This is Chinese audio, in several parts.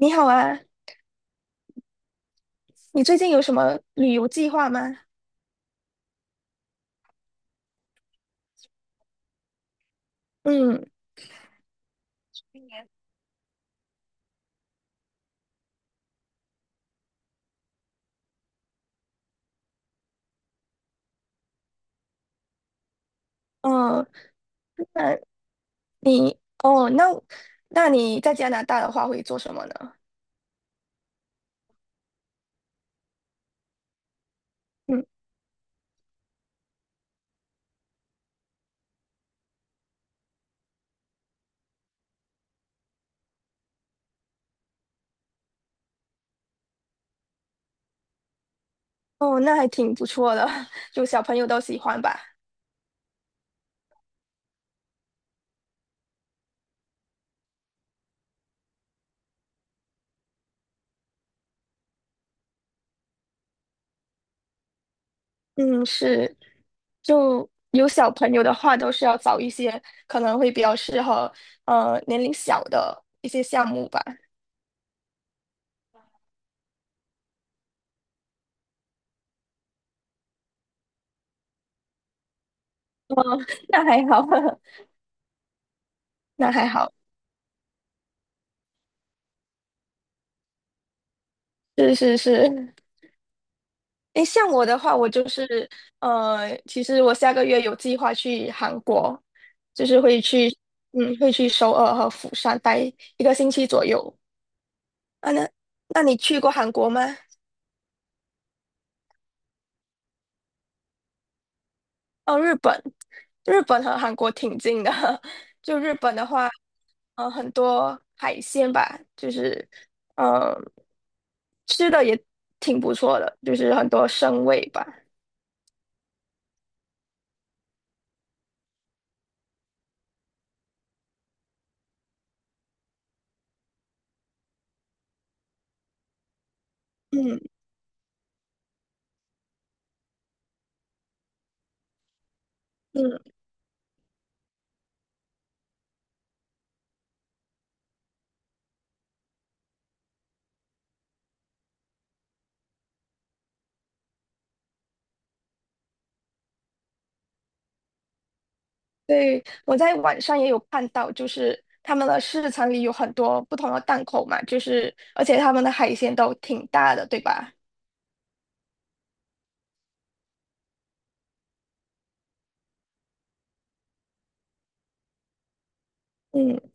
你好啊，你最近有什么旅游计划吗？嗯，哦，那你，哦，那那你在加拿大的话会做什么呢？嗯，哦，那还挺不错的，就小朋友都喜欢吧。嗯，是，就有小朋友的话，都是要找一些可能会比较适合年龄小的一些项目吧。那还好，那还好，是是是，诶，像我的话，我就是呃，其实我下个月有计划去韩国，就是会去，嗯，会去首尔和釜山待1个星期左右。啊，那那你去过韩国吗？哦，日本，日本和韩国挺近的。就日本的话，很多海鲜吧，呃，吃的也挺不错的，就是很多生味吧。嗯嗯。对，我在网上也有看到，就是他们的市场里有很多不同的档口嘛，就是而且他们的海鲜都挺大的，对吧？嗯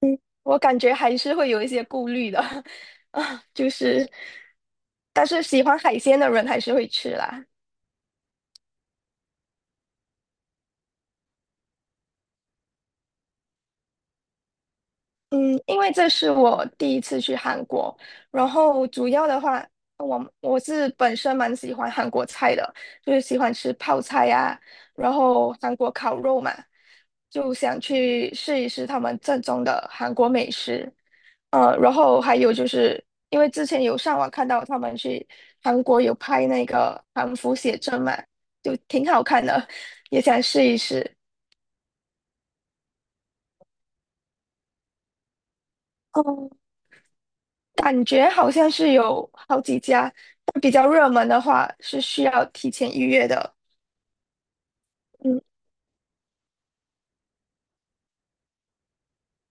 嗯，我感觉还是会有一些顾虑的 啊，就是，但是喜欢海鲜的人还是会吃啦。嗯，因为这是我第一次去韩国，然后主要的话，我是本身蛮喜欢韩国菜的，就是喜欢吃泡菜呀、然后韩国烤肉嘛，就想去试一试他们正宗的韩国美食。呃，然后还有就是因为之前有上网看到他们去韩国有拍那个韩服写真嘛，就挺好看的，也想试一试。哦。感觉好像是有好几家，但比较热门的话是需要提前预约的。嗯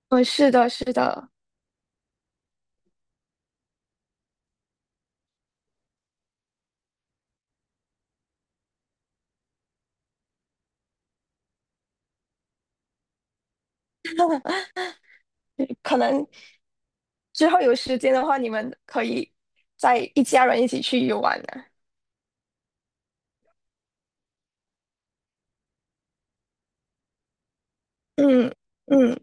嗯，是的，是的，嗯，可能之后有时间的话，你们可以再一家人一起去游玩呢。嗯嗯，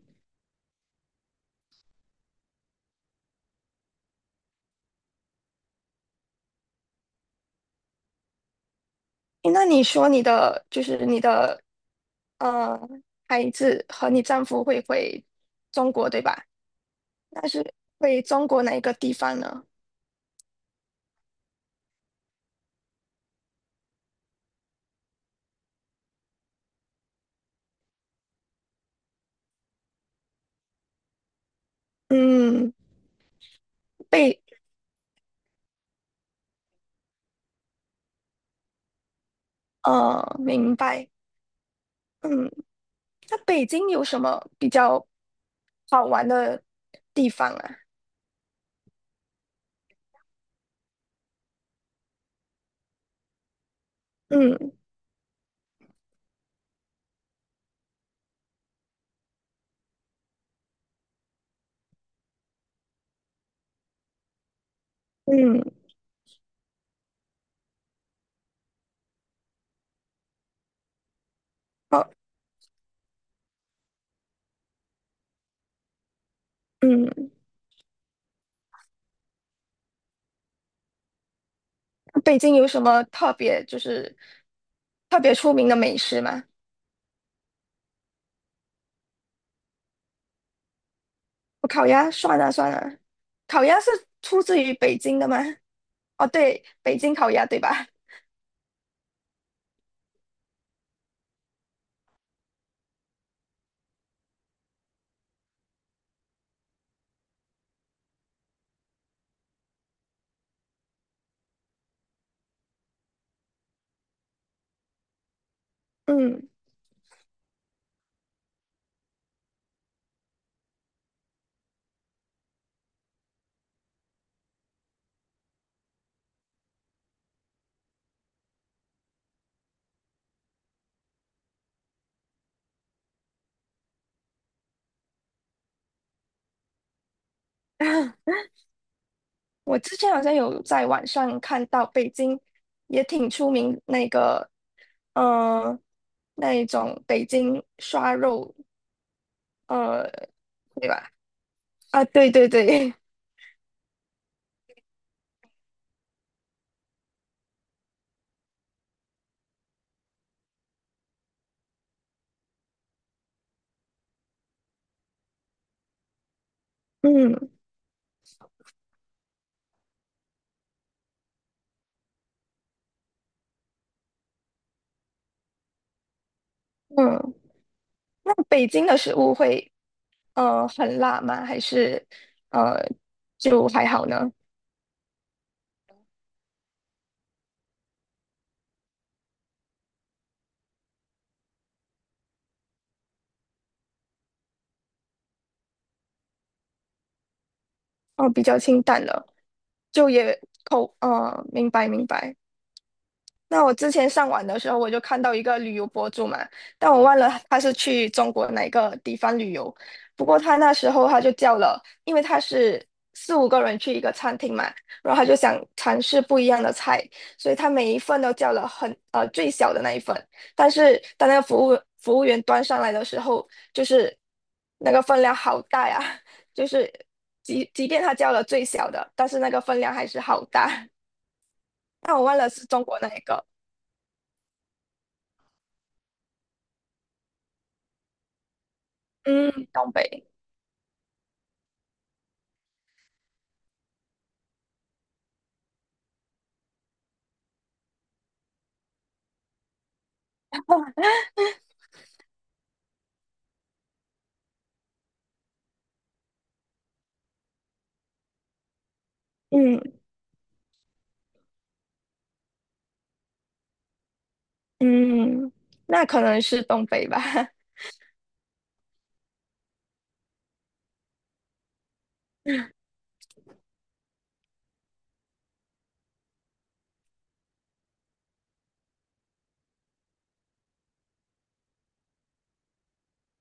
诶，那你说你的呃孩子和你丈夫会回中国对吧？那是回中国哪一个地方呢？嗯，被呃，明白。嗯。那北京有什么比较好玩的地方啊？嗯嗯，好，嗯，北京有什么特别就是特别出名的美食吗？我烤鸭算了算了，烤鸭是出自于北京的吗？哦，对，北京烤鸭对吧？嗯。我之前好像有在网上看到北京也挺出名那个，呃，那一种北京涮肉，呃，对吧？啊，对对对，嗯嗯，那北京的食物会很辣吗？还是呃就还好呢？哦，比较清淡了，就也明白明白。那我之前上网的时候，我就看到一个旅游博主嘛，但我忘了他是去中国哪个地方旅游。不过他那时候他就叫了，因为他是4、5个人去一个餐厅嘛，然后他就想尝试不一样的菜，所以他每一份都叫了最小的那一份。但是当那个服务员端上来的时候，就是那个分量好大呀，就是即便他叫了最小的，但是那个分量还是好大。但我忘了是中国哪一个。嗯，东北，嗯嗯，那可能是东北吧。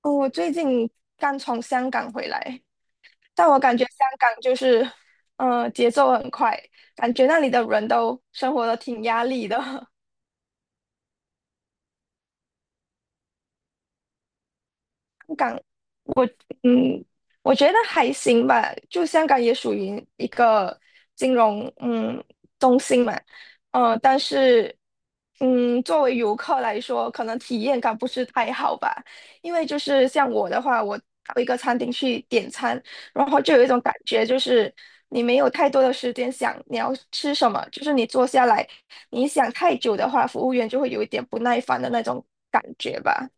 哦，我最近刚从香港回来，但我感觉香港就是，呃，节奏很快，感觉那里的人都生活的挺压力的。嗯，我觉得还行吧，就香港也属于一个金融嗯中心嘛，呃，但是嗯，作为游客来说，可能体验感不是太好吧，因为就是像我的话，我到一个餐厅去点餐，然后就有一种感觉，就是你没有太多的时间想你要吃什么，就是你坐下来，你想太久的话，服务员就会有一点不耐烦的那种感觉吧。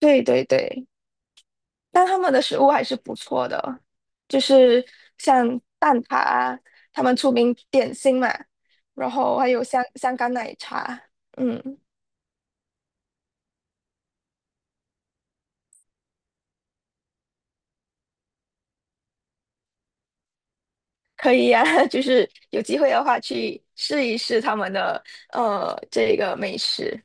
对对对。但他们的食物还是不错的，就是像蛋挞啊，他们出名点心嘛，然后还有香港奶茶，嗯，可以呀、就是有机会的话去试一试他们的这个美食。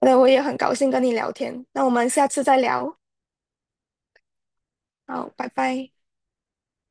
那我也很高兴跟你聊天，那我们下次再聊，好，拜拜。